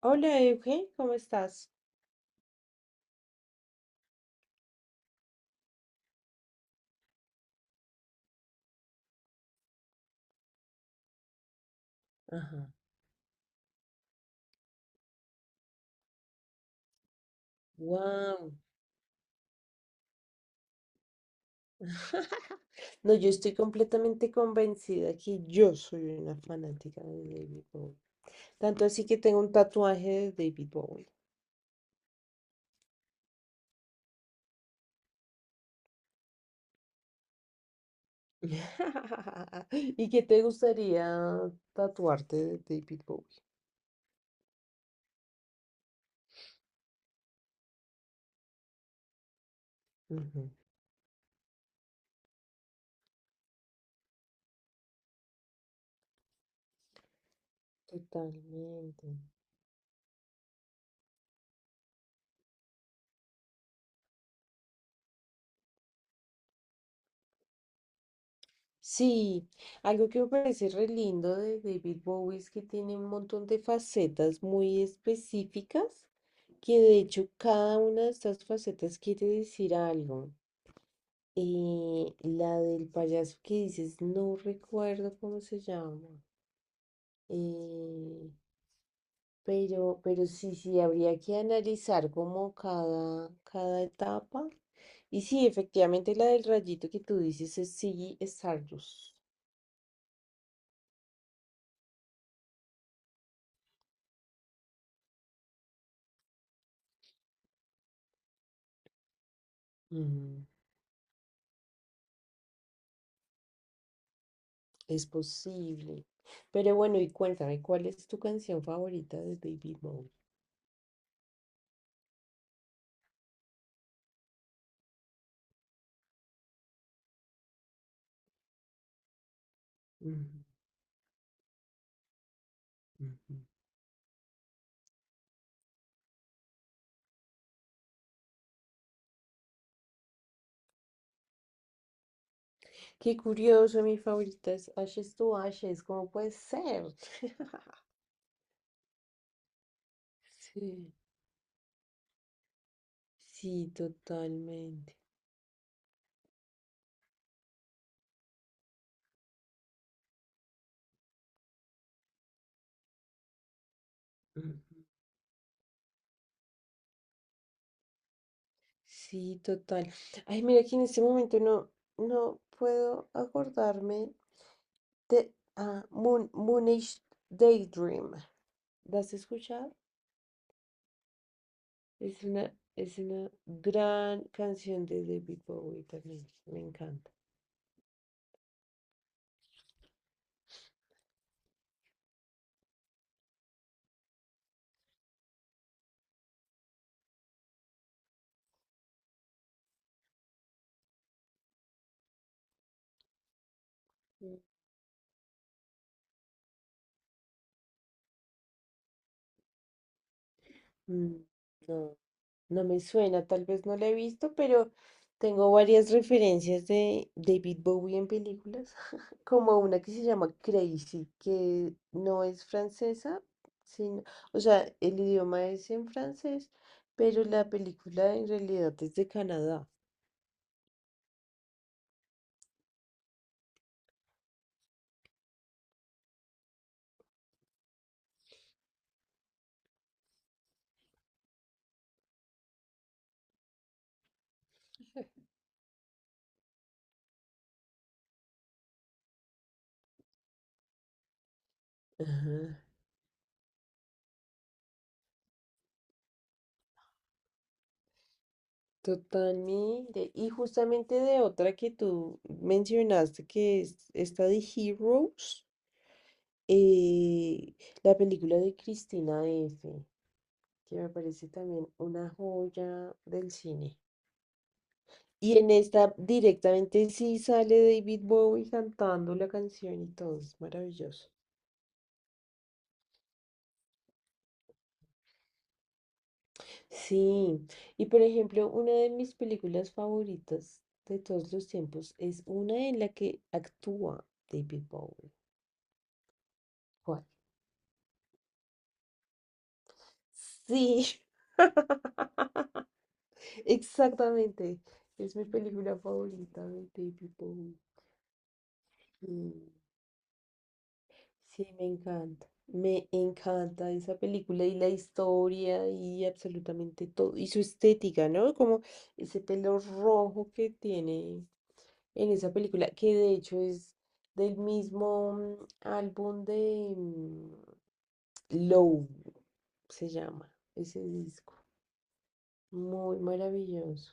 Hola, Euge, ¿cómo estás? Ajá. Wow. No, yo estoy completamente convencida que yo soy una fanática de David Bowie. Tanto así que tengo un tatuaje de David Bowie. ¿Y qué te gustaría tatuarte de David Bowie? Ujú. Totalmente. Sí, algo que me parece re lindo de David Bowie es que tiene un montón de facetas muy específicas que de hecho cada una de estas facetas quiere decir algo. La del payaso que dices, no recuerdo cómo se llama. eh, pero, pero sí, habría que analizar como cada etapa. Y sí, efectivamente la del rayito que tú dices es sí, Stardust. Mm, es posible. Pero bueno, y cuéntame, ¿cuál es tu canción favorita de Baby Boy? Ujú, ujú. Qué curioso, mi favorita es Ashes to Ashes, ¿cómo puede ser? Sí, sí, totalmente. Mm. Sí, total. Ay, mira que en este momento no puedo acordarme de Moon, Moonish Daydream. ¿La has escuchado? Es una gran canción de David Bowie también. Me encanta. Mm. Mm. No. No me suena, tal vez no la he visto, pero tengo varias referencias de David Bowie en películas, como una que se llama Crazy, que no es francesa, sino, o sea, el idioma es en francés, pero la película en realidad es de Canadá. Ajá. Totalmente. Y justamente de otra que tú mencionaste, que es esta de Heroes, eh, la película de Cristina F. que me parece también una joya del cine. Y en esta directamente sí sale David Bowie cantando la canción y todo, es maravilloso. Sí, y por ejemplo, una de mis películas favoritas de todos los tiempos es una en la que actúa David Bowie. ¿Cuál? Sí, exactamente. Es mi película favorita de David Bowie. Mm. Sí, me encanta. Me encanta esa película y la historia y absolutamente todo. Y su estética, ¿no? Como ese pelo rojo que tiene en esa película, que de hecho es del mismo álbum de Low, se llama ese disco. Muy maravilloso.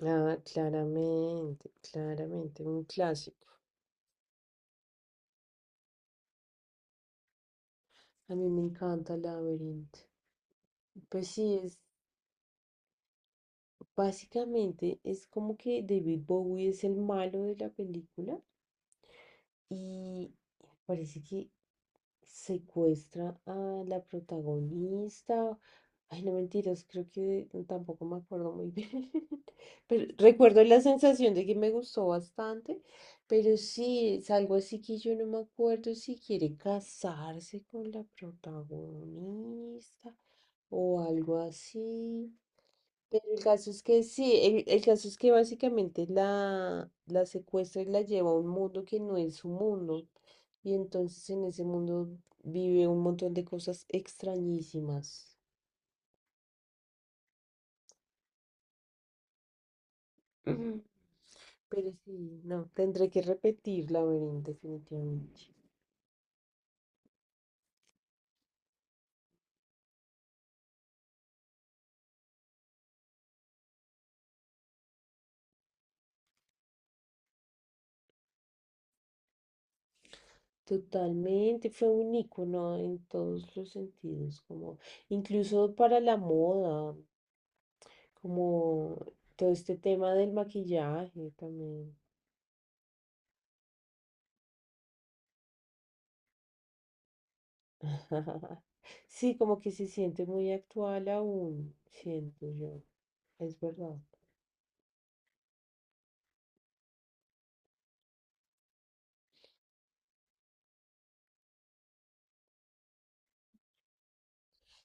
Ah, claramente, claramente, un clásico. A mí me encanta el Laberinto. Pues sí, es básicamente es como que David Bowie es el malo de la película y parece que secuestra a la protagonista. Ay, no mentiras, creo que tampoco me acuerdo muy bien. Pero recuerdo la sensación de que me gustó bastante, pero sí, es algo así que yo no me acuerdo si quiere casarse con la protagonista o algo así. Pero el caso es que sí, el caso es que básicamente la secuestra y la lleva a un mundo que no es su mundo. Y entonces en ese mundo vive un montón de cosas extrañísimas. Ujú. Pero sí, no, tendré que repetir Laberinto definitivamente. Totalmente, fue un icono en todos los sentidos, como incluso para la moda. Como todo este tema del maquillaje también. Sí, como que se siente muy actual aún, siento yo, es verdad.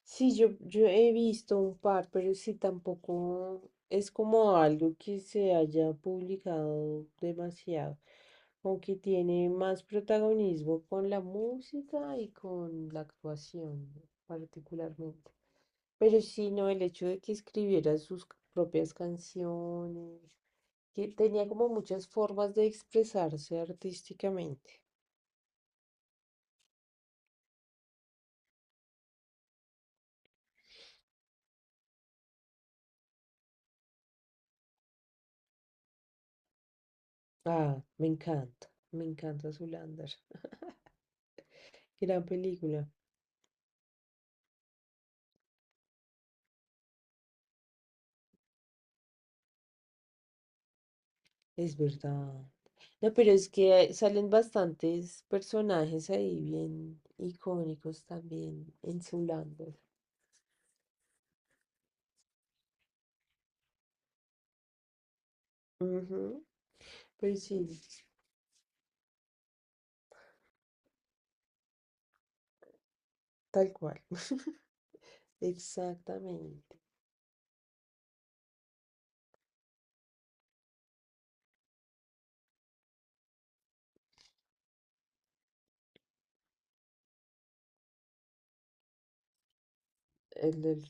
Sí, yo he visto un par, pero sí tampoco es como algo que se haya publicado demasiado, aunque tiene más protagonismo con la música y con la actuación, ¿no? Particularmente. Pero sí, no, el hecho de que escribiera sus propias canciones que tenía como muchas formas de expresarse artísticamente. Ah, me encanta Zoolander. Gran película, es verdad. No, pero es que salen bastantes personajes ahí bien icónicos también en Zoolander. Ujú. Pero sí, tal cual. Exactamente. El del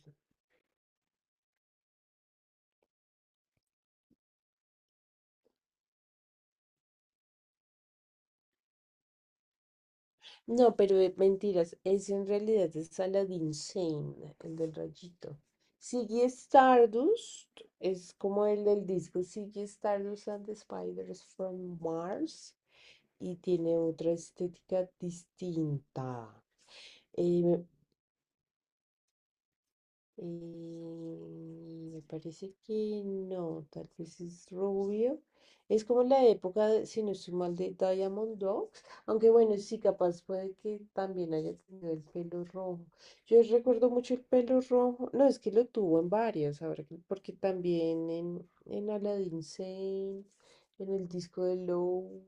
no, pero mentiras, es en realidad es Aladdin Sane, el del rayito. Ziggy Stardust es como el del disco Ziggy Stardust and the Spiders from Mars y tiene otra estética distinta. Eh, eh, Me parece que no, tal vez es rubio. Es como la época, de- si no estoy mal, de Diamond Dogs. Aunque bueno, sí, capaz puede que también haya tenido el pelo rojo. Yo recuerdo mucho el pelo rojo. No, es que lo tuvo en varias, ahora que- porque también en Aladdin Sane, en el disco de Low,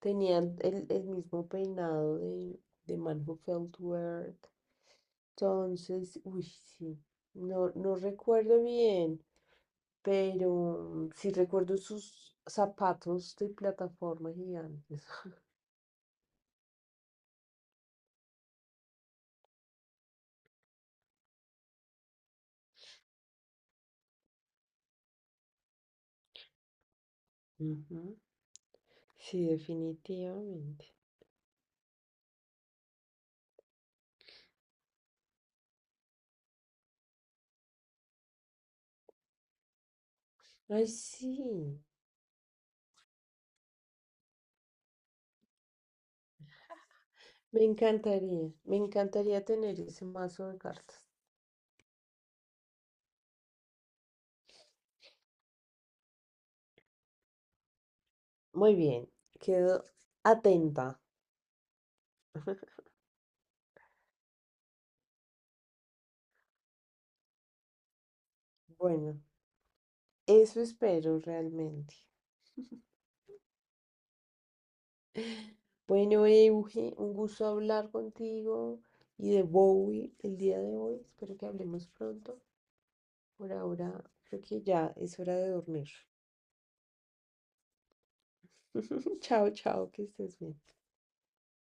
tenían el mismo peinado de Man Who Fell to Earth. Entonces, uy, sí, no recuerdo bien, pero sí recuerdo sus zapatos de plataforma gigantes. Ujú. Sí, definitivamente. Ay, sí, me encantaría tener ese mazo de cartas. Muy bien, quedo atenta. Bueno, eso espero realmente. Bueno, Euge, un gusto hablar contigo y de Bowie el día de hoy. Espero que hablemos pronto. Por ahora creo que ya es hora de dormir. Chao, chao, que estés bien.